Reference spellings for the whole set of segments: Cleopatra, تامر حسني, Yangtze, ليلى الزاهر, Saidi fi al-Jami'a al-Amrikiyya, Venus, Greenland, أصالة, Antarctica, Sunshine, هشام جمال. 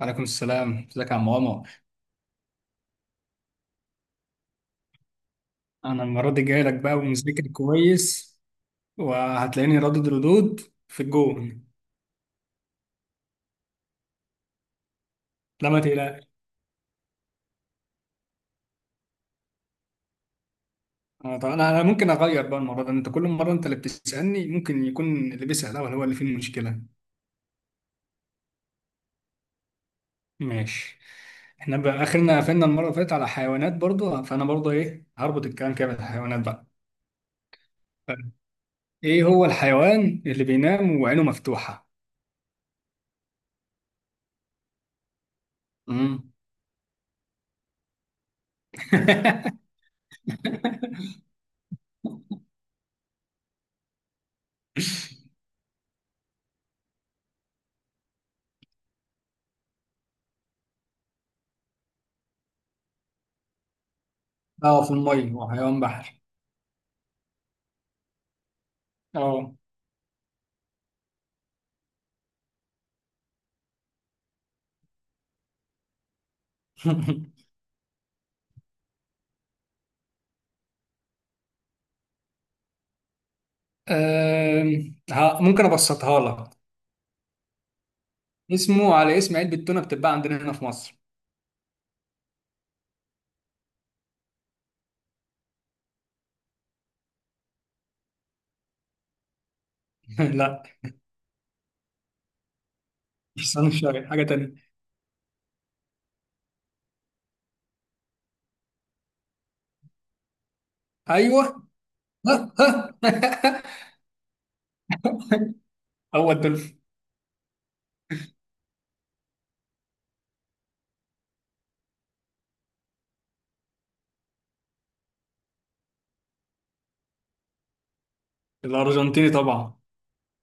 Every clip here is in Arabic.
وعليكم السلام، ازيك يا عم عمر؟ انا المره دي جاي لك بقى ومذاكر كويس، وهتلاقيني ردود في الجون. لا ما تقلقش. انا طبعا، انا ممكن اغير بقى المره دي، انت كل مره انت اللي بتسالني، ممكن يكون اللي بيسال الاول هو اللي فيه المشكله. ماشي. احنا بقى اخرنا قفلنا المره اللي فاتت على حيوانات برضو، فانا برضو ايه هربط الكلام كده بالحيوانات بقى. ايه هو الحيوان اللي بينام وعينه مفتوحه؟ امم اه، في الميه، هو حيوان بحري. اه. ممكن ابسطها لك. اسمه على اسم علبة تونة بتتباع عندنا هنا في مصر. لا، مش صالون شارع، حاجة تانية. ايوه. هو الدولفين. الارجنتيني طبعا.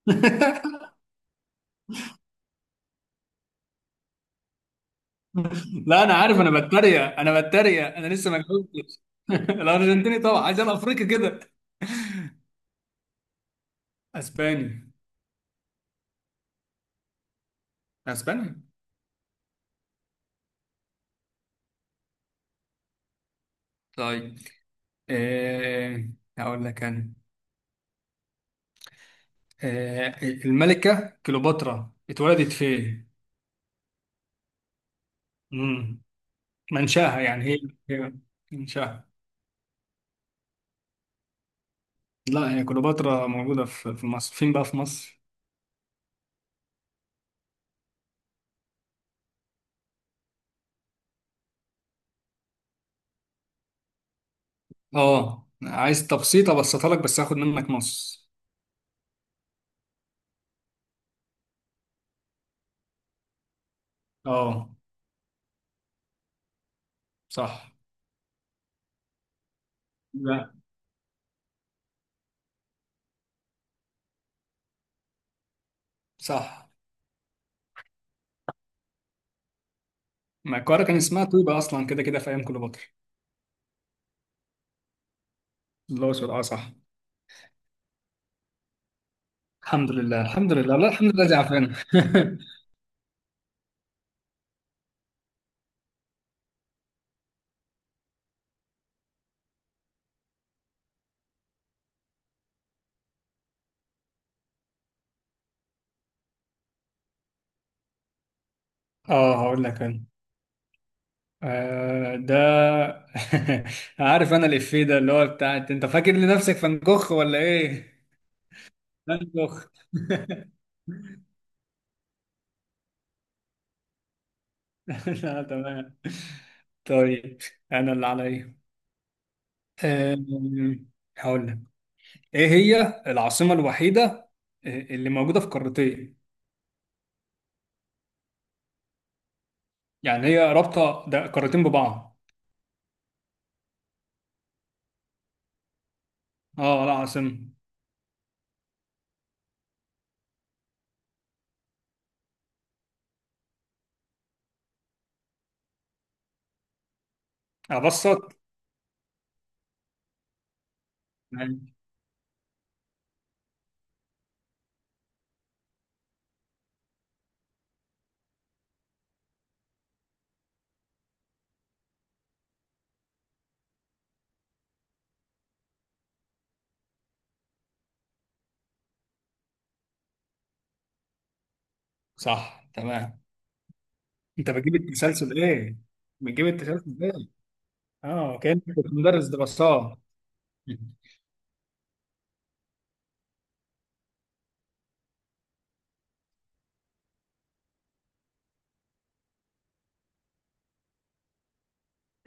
لا انا عارف، انا بتريق انا بتريق، انا لسه ما جاوبتش. الارجنتيني طبعا، عايز انا افريقي كده. اسباني. اسباني. طيب. أه... هقول لك انا. الملكة كليوباترا اتولدت فين؟ منشاها يعني هي. منشاها. لا، هي كليوباترا موجودة في مصر، فين بقى في مصر؟ اه، عايز تبسيط، ابسطها لك بس هاخد منك نص. اه صح. لا صح. ما القاهرة كان اسمها طيبة أصلا، كده كده في أيام كليوباترا. الله أكبر، اه صح. الحمد لله، الحمد لله، لا الحمد لله زعفان. اه، هقول لك انا. آه ده. عارف انا الإفيه ده اللي هو بتاع انت فاكر لنفسك فنكخ ولا ايه؟ فنكخ. لا تمام. طيب. انا اللي عليا. أم، هقول لك، ايه هي العاصمة الوحيدة، اللي موجودة في قارتين؟ يعني هي رابطة ده قارتين ببعض. اه لا، عاصمة. ابسط يعني. صح تمام. انت بتجيب التسلسل ايه؟ بتجيب التسلسل ايه؟ اه، كنت مدرس دراسات.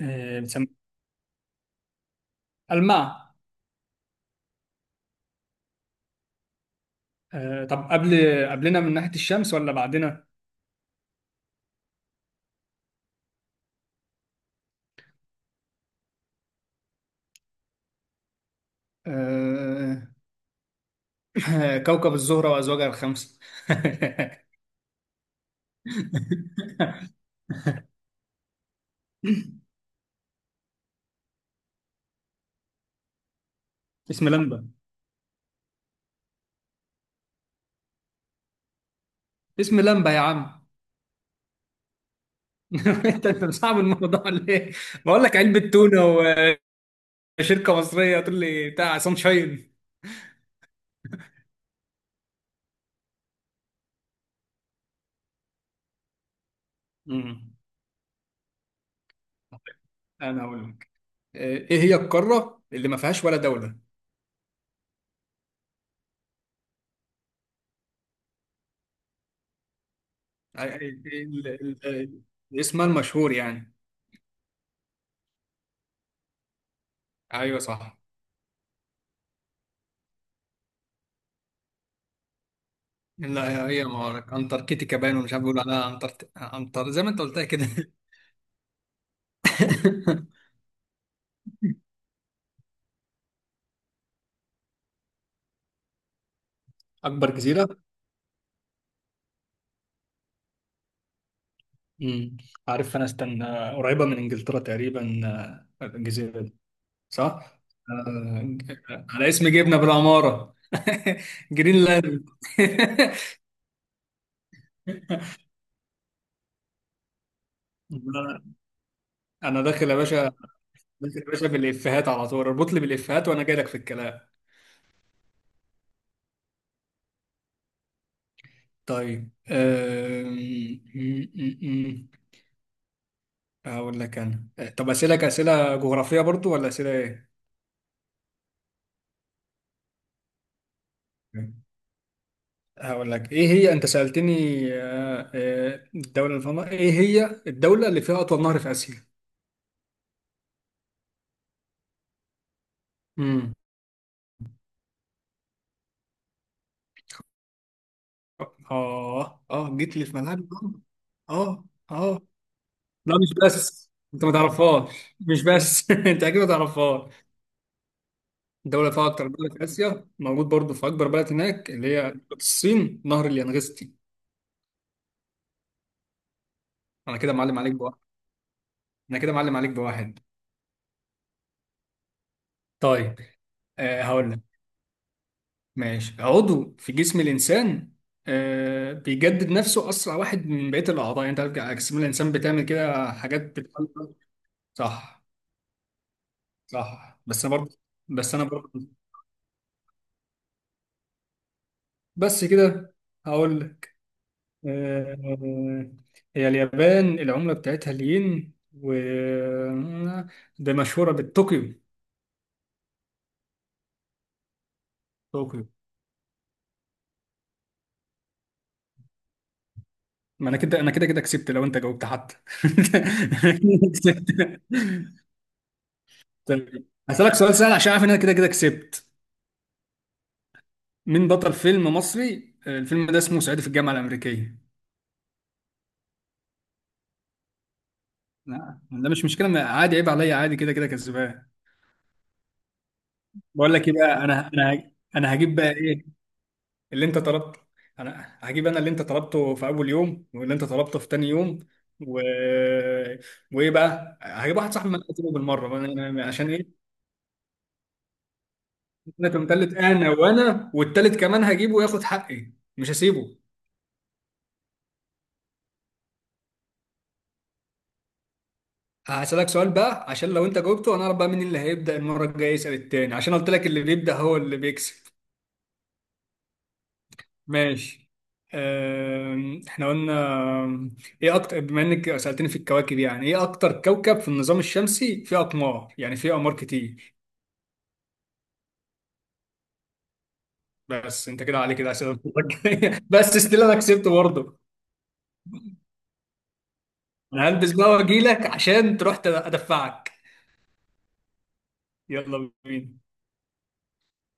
بتسمى الماء. طب قبل، قبلنا من ناحية الشمس ولا بعدنا؟ آه، كوكب الزهرة وأزواجها الخمسة. اسم لمبة. اسم لمبة يا عم. انت مصعب الموضوع ليه؟ بقول لك علبة تونة، وشركة مصرية تقول لي بتاع سانشاين. مم. انا هقول لك. ايه هي القارة اللي ما فيهاش ولا دولة؟ آه، اسمها المشهور يعني. ايوه صح. لا، هي ما أعرف. انتاركتيكا باين، ومش عارف بيقولوا عليها انتر انتر زي ما انت قلتها كده. اكبر جزيرة. امم عارف انا، استنى، قريبه من انجلترا تقريبا. الجزيره دي. صح. آه، ج- على اسم جبنه بالعماره. جرينلاند. انا داخل يا باشا. داخل يا باشا بالافيهات على طول، اربط لي بالافيهات وانا جاي لك في الكلام. طيب. م- م- م. اقول لك انا. طب اسالك اسئله جغرافيه برضو ولا اسئله؟ ايه. هقول لك، ايه هي، انت سألتني، الدولة اللي فيها نهر، ايه هي الدولة اللي فيها اطول نهر في اسيا؟ امم. اه اه، جيت لي في ملعبي برضه. اه اه. لا مش بس انت ما تعرفهاش، مش بس انت اكيد ما تعرفهاش. الدولة اللي فيها اكتر دولة في اسيا، موجود برضه في اكبر بلد هناك، اللي هي دولة الصين، نهر اليانغستي. انا كده معلم عليك بواحد. انا كده معلم عليك بواحد. طيب. آه، هقول لك. ماشي، عضو في جسم الإنسان آه بيجدد نفسه أسرع واحد من بقية الأعضاء، يعني أنت عارف جسم الإنسان بتعمل كده حاجات بتخلق. صح. صح بس أنا برضه. بس أنا برضه. بس كده. هقول لك. آه، هي اليابان العملة بتاعتها الين، و ده مشهورة بالطوكيو. طوكيو. ما أنا كده كده كسبت لو أنت جاوبت حتى. أنا كده كسبت. طيب هسألك سؤال سهل عشان عارف إن أنا كده كده كسبت. مين بطل فيلم مصري، الفيلم ده اسمه صعيدي في الجامعه الامريكيه؟ لا ده مش مشكله، عادي، عيب عليا، عادي كده كده كسبان. بقول لك ايه بقى، انا هجيب بقى ايه اللي انت طلبته. انا هجيب اللي انت طلبته في اول يوم، واللي انت طلبته في تاني يوم، و... وايه بقى، هجيب واحد صاحبي من الكتاب بالمره، عشان ايه. انا كنت تالت، انا والتالت كمان هجيبه وياخد حقي مش هسيبه. هسألك سؤال بقى، عشان لو انت جاوبته انا اعرف بقى مين اللي هيبدأ المرة الجاية يسأل التاني، عشان قلت لك اللي بيبدأ هو اللي بيكسب. ماشي. احنا قلنا ايه اكتر، بما انك سألتني في الكواكب، يعني ايه اكتر كوكب في النظام الشمسي فيه اقمار، يعني فيه اقمار كتير؟ بس انت كده عليك الأسئلة المرة الجاية. بس استيل انا كسبت برضه. انا هلبس بقى واجيلك عشان تروح تدفعك. يلا بينا.